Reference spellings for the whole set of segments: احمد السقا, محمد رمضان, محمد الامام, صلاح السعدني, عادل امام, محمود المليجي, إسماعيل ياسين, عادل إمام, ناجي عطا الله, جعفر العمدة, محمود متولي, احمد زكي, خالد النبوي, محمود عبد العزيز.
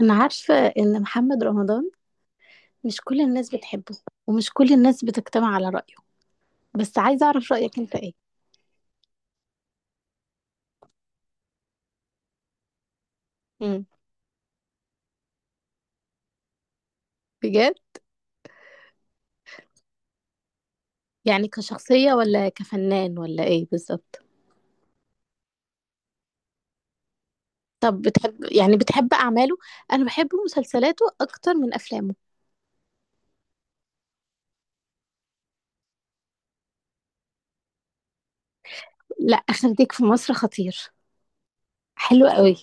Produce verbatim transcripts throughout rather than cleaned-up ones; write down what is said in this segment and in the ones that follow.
أنا عارفة إن محمد رمضان مش كل الناس بتحبه، ومش كل الناس بتجتمع على رأيه، بس عايزة أعرف رأيك أنت إيه؟ امم. بجد؟ يعني كشخصية ولا كفنان ولا إيه بالظبط؟ طب بتحب يعني بتحب أعماله؟ أنا بحب مسلسلاته أكتر من أفلامه. لا، أخرتك في مصر خطير. حلو قوي.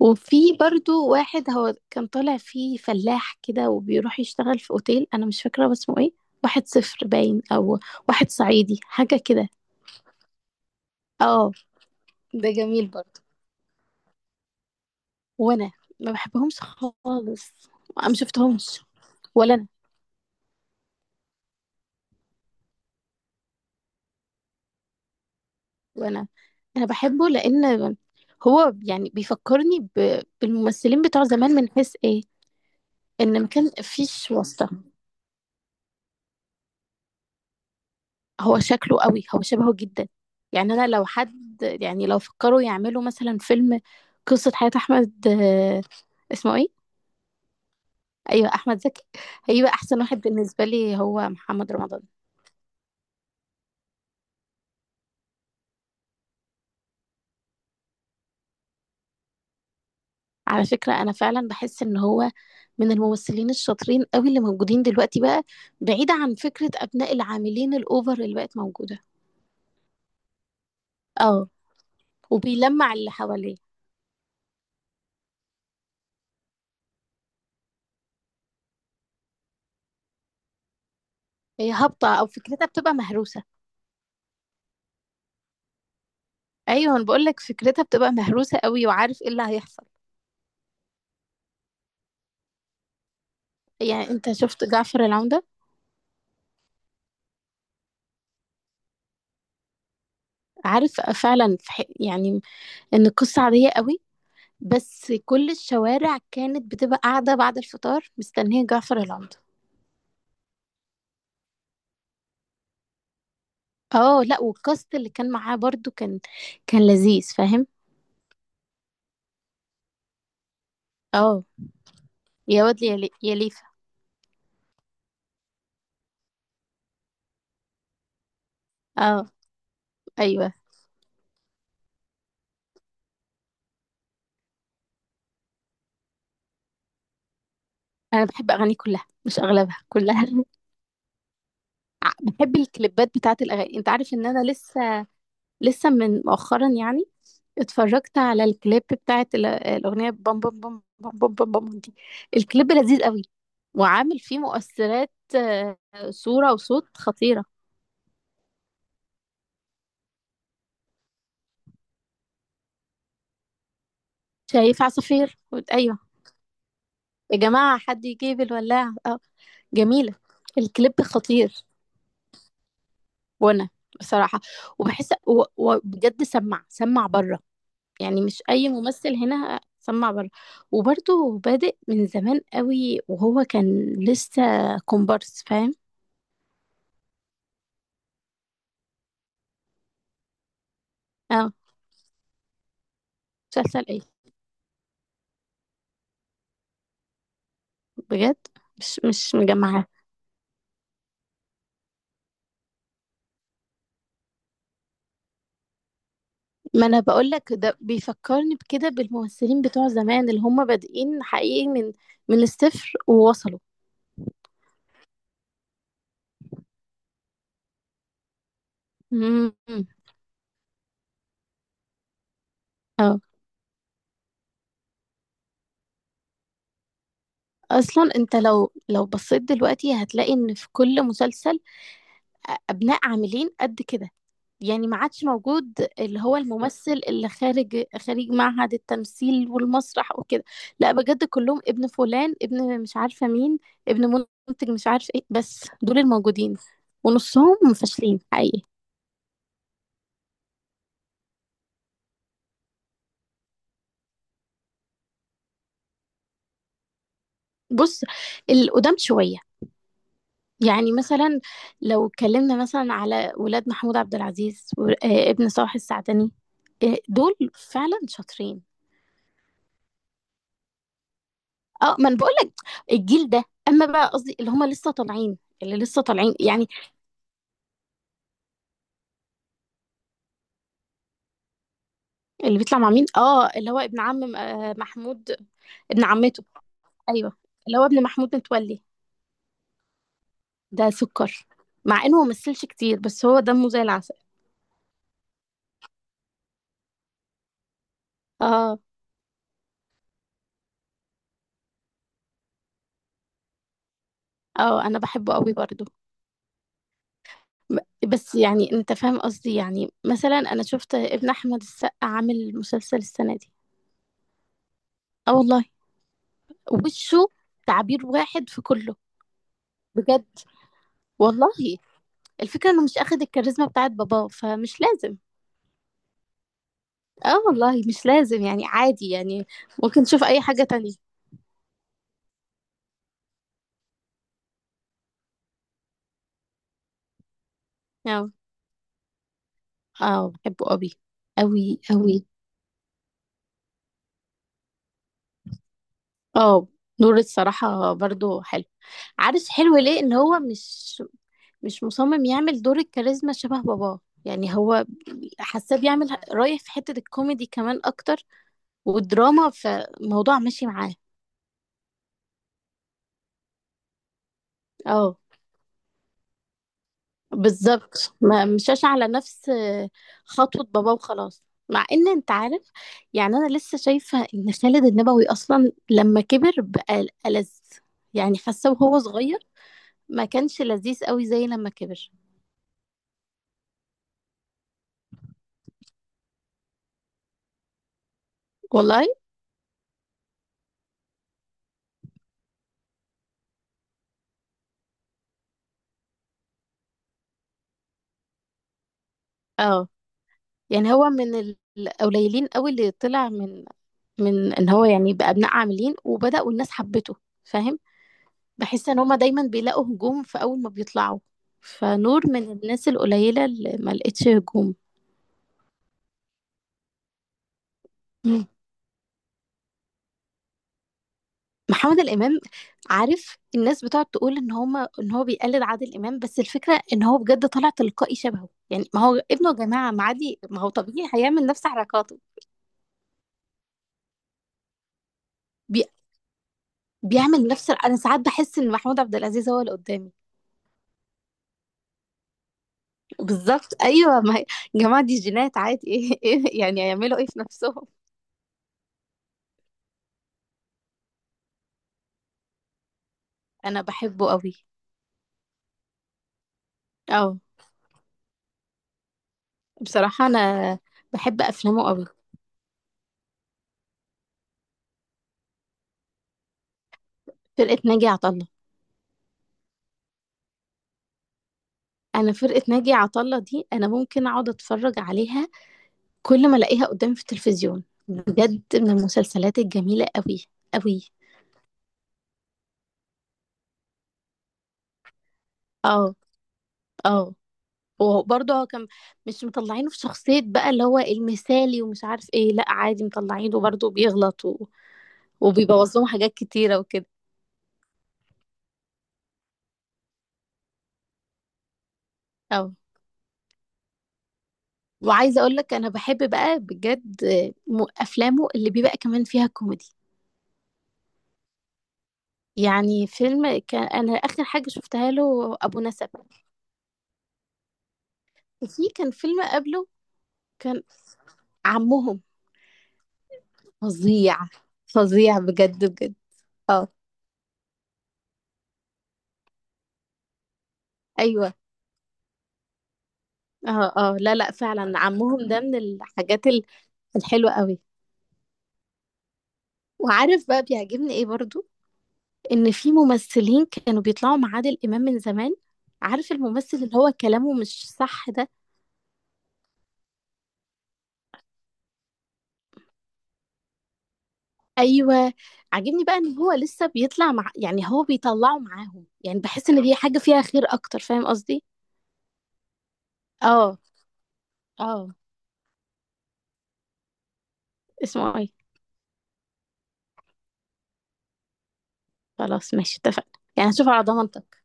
وفي برضو واحد هو كان طالع فيه فلاح كده وبيروح يشتغل في أوتيل، أنا مش فاكرة هو اسمه إيه. واحد صفر باين، أو واحد صعيدي حاجة كده. اه، ده جميل برضه. وانا ما بحبهمش خالص. ما شفتهمش. ولا انا. وانا انا بحبه لان هو يعني بيفكرني ب... بالممثلين بتوع زمان، من حيث ايه؟ ان ما كان فيش واسطة. هو شكله قوي، هو شبهه جدا. يعني انا لو حد، يعني لو فكروا يعملوا مثلا فيلم قصة حياة احمد، آه، اسمه ايه؟ ايوه، احمد زكي. هيبقى احسن واحد بالنسبة لي هو محمد رمضان. على فكرة أنا فعلا بحس إن هو من الممثلين الشاطرين قوي اللي موجودين دلوقتي بقى، بعيدة عن فكرة أبناء العاملين الأوفر اللي بقت موجودة. اه. وبيلمع اللي حواليه. هي هابطة أو فكرتها بتبقى مهروسة. أيوة، أنا بقولك فكرتها بتبقى مهروسة قوي وعارف إيه اللي هيحصل. يعني أنت شفت جعفر العمدة؟ عارف فعلا في حق- يعني إن القصة عادية قوي، بس كل الشوارع كانت بتبقى قاعدة بعد الفطار مستنية جعفر العمدة. اه، لا، والكاست اللي كان معاه برضو كان كان لذيذ فاهم. اه، يا واد يا لي- يا ليفا. اه، ايوه. انا بحب اغاني كلها مش اغلبها، كلها ع- بحب الكليبات بتاعت الاغاني، انت عارف ان انا لسه، لسه من مؤخرا يعني اتفرجت على الكليب بتاعت ال- الاغنيه بام بام بام بام بام بام بام دي. الكليب لذيذ قوي وعامل فيه مؤثرات، آه، صوره وصوت خطيره. شايف عصافير؟ ايوه. يا جماعة حد يجيب الولاعة اه. جميلة، الكليب خطير. وانا بصراحة، وبحس و- وبجد سمع سمع بره. يعني مش اي ممثل هنا سمع بره. وبرضه بادئ من زمان قوي وهو كان لسه كومبارس فاهم. اه، مسلسل ايه؟ بجد؟ مش مش مجمعة. ما انا بقول لك ده بيفكرني بكده بالممثلين بتوع زمان اللي هم بادئين حقيقي، من من الصفر ووصلوا. امم. اصلا انت لو لو بصيت دلوقتي هتلاقي ان في كل مسلسل، أ- ابناء عاملين قد كده، يعني ما عادش موجود اللي هو الممثل اللي خارج خارج معهد التمثيل والمسرح وكده. لا بجد، كلهم ابن فلان، ابن مش عارفة مين، ابن منتج مش عارف ايه، بس دول الموجودين ونصهم فاشلين حقيقي. بص. القدام شوية. يعني مثلا لو اتكلمنا مثلا على ولاد محمود عبد العزيز وابن صلاح السعدني، آه، دول فعلا شاطرين. اه ما انا بقول لك، الجيل ده، اما بقى قصدي اللي هم لسه طالعين، اللي لسه طالعين يعني. اللي بيطلع مع مين؟ اه، اللي هو ابن عم، آه، محمود. ابن عمته. ايوه، اللي هو ابن محمود متولي. ده سكر، مع انه ما مثلش كتير بس هو دمه زي العسل. اه، اه، انا بحبه قوي برضو. بس يعني انت فاهم قصدي، يعني مثلا انا شفت ابن احمد السقا عامل مسلسل السنه دي. اه والله. وشه تعبير واحد في كله، بجد، والله. الفكره انه مش اخد الكاريزما بتاعت باباه، فمش لازم. اه والله مش لازم، يعني عادي يعني. ممكن تشوف اي حاجه تانية. اه، اه، بحبه قوي، قوي قوي. اه، دور الصراحة برضو حلو. عارف حلو ليه؟ ان هو مش مش مصمم يعمل دور الكاريزما شبه باباه، يعني هو حاساه بيعمل رايح في حتة الكوميدي كمان اكتر والدراما، فالموضوع ماشي معاه. اه، بالظبط، ما مشاش على نفس خطوة باباه وخلاص. مع ان انت عارف، يعني انا لسه شايفة ان خالد النبوي اصلا لما كبر بقى ألذ. يعني حاسه وهو صغير ما كانش لذيذ قوي زي لما كبر. والله. اه، يعني هو من ال- القليلين قوي اللي طلع، من من ان هو يعني بقى ابناء عاملين وبدأوا الناس حبته، فاهم. بحس ان هما دايما بيلاقوا هجوم في اول ما بيطلعوا، فنور من الناس القليلة اللي ما لقتش هجوم. مم. محمد الامام. عارف الناس بتقعد تقول ان هما، ان هو بيقلد عادل امام، بس الفكرة ان هو بجد طلع تلقائي شبهه، يعني ما هو ابنه يا جماعة، ما عادي، ما هو طبيعي هيعمل نفس حركاته. بي... بيعمل نفس. انا ساعات بحس ان محمود عبد العزيز هو اللي قدامي. بالظبط، ايوه ما هي. يا جماعه دي جينات عادي ايه، ايه يعني هيعملوا ايه في نفسهم. انا بحبه قوي. اه، بصراحه انا بحب افلامه قوي. فرقه ناجي عطا الله. انا فرقه ناجي عطا الله دي انا ممكن اقعد اتفرج عليها كل ما الاقيها قدامي في التلفزيون، بجد من المسلسلات الجميله قوي، قوي. اه، اه. وبرضه هو كان مش مطلعينه في شخصية بقى اللي هو المثالي ومش عارف ايه، لا عادي مطلعينه برضه بيغلط و- وبيبوظ لهم حاجات كتيرة وكده. اه، وعايزه اقول لك انا بحب بقى بجد، م- افلامه اللي بيبقى كمان فيها كوميدي، يعني فيلم كان انا اخر حاجه شفتها له ابو نسب. وفي كان فيلم قبله كان عمهم. فظيع، فظيع بجد بجد. اه، ايوه. اه، اه، لا لا، فعلا عمهم ده من الحاجات ال- الحلوه قوي. وعارف بقى بيعجبني ايه برضو؟ ان في ممثلين كانوا بيطلعوا مع عادل امام من زمان. عارف الممثل اللي هو كلامه مش صح ده؟ ايوه. عاجبني بقى ان هو لسه بيطلع مع، يعني هو بيطلعه معاهم يعني، بحس ان دي حاجه فيها خير اكتر، فاهم قصدي. اه، اه. اسمه ايه؟ خلاص ماشي، اتفقنا، يعني هشوف على ضمانتك.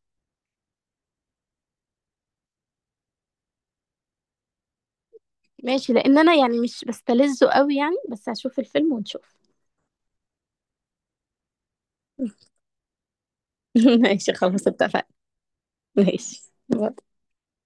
ماشي، لان انا يعني مش بستلذه قوي يعني، بس هشوف الفيلم ونشوف. ماشي خلاص، اتفقنا. ماشي. باي.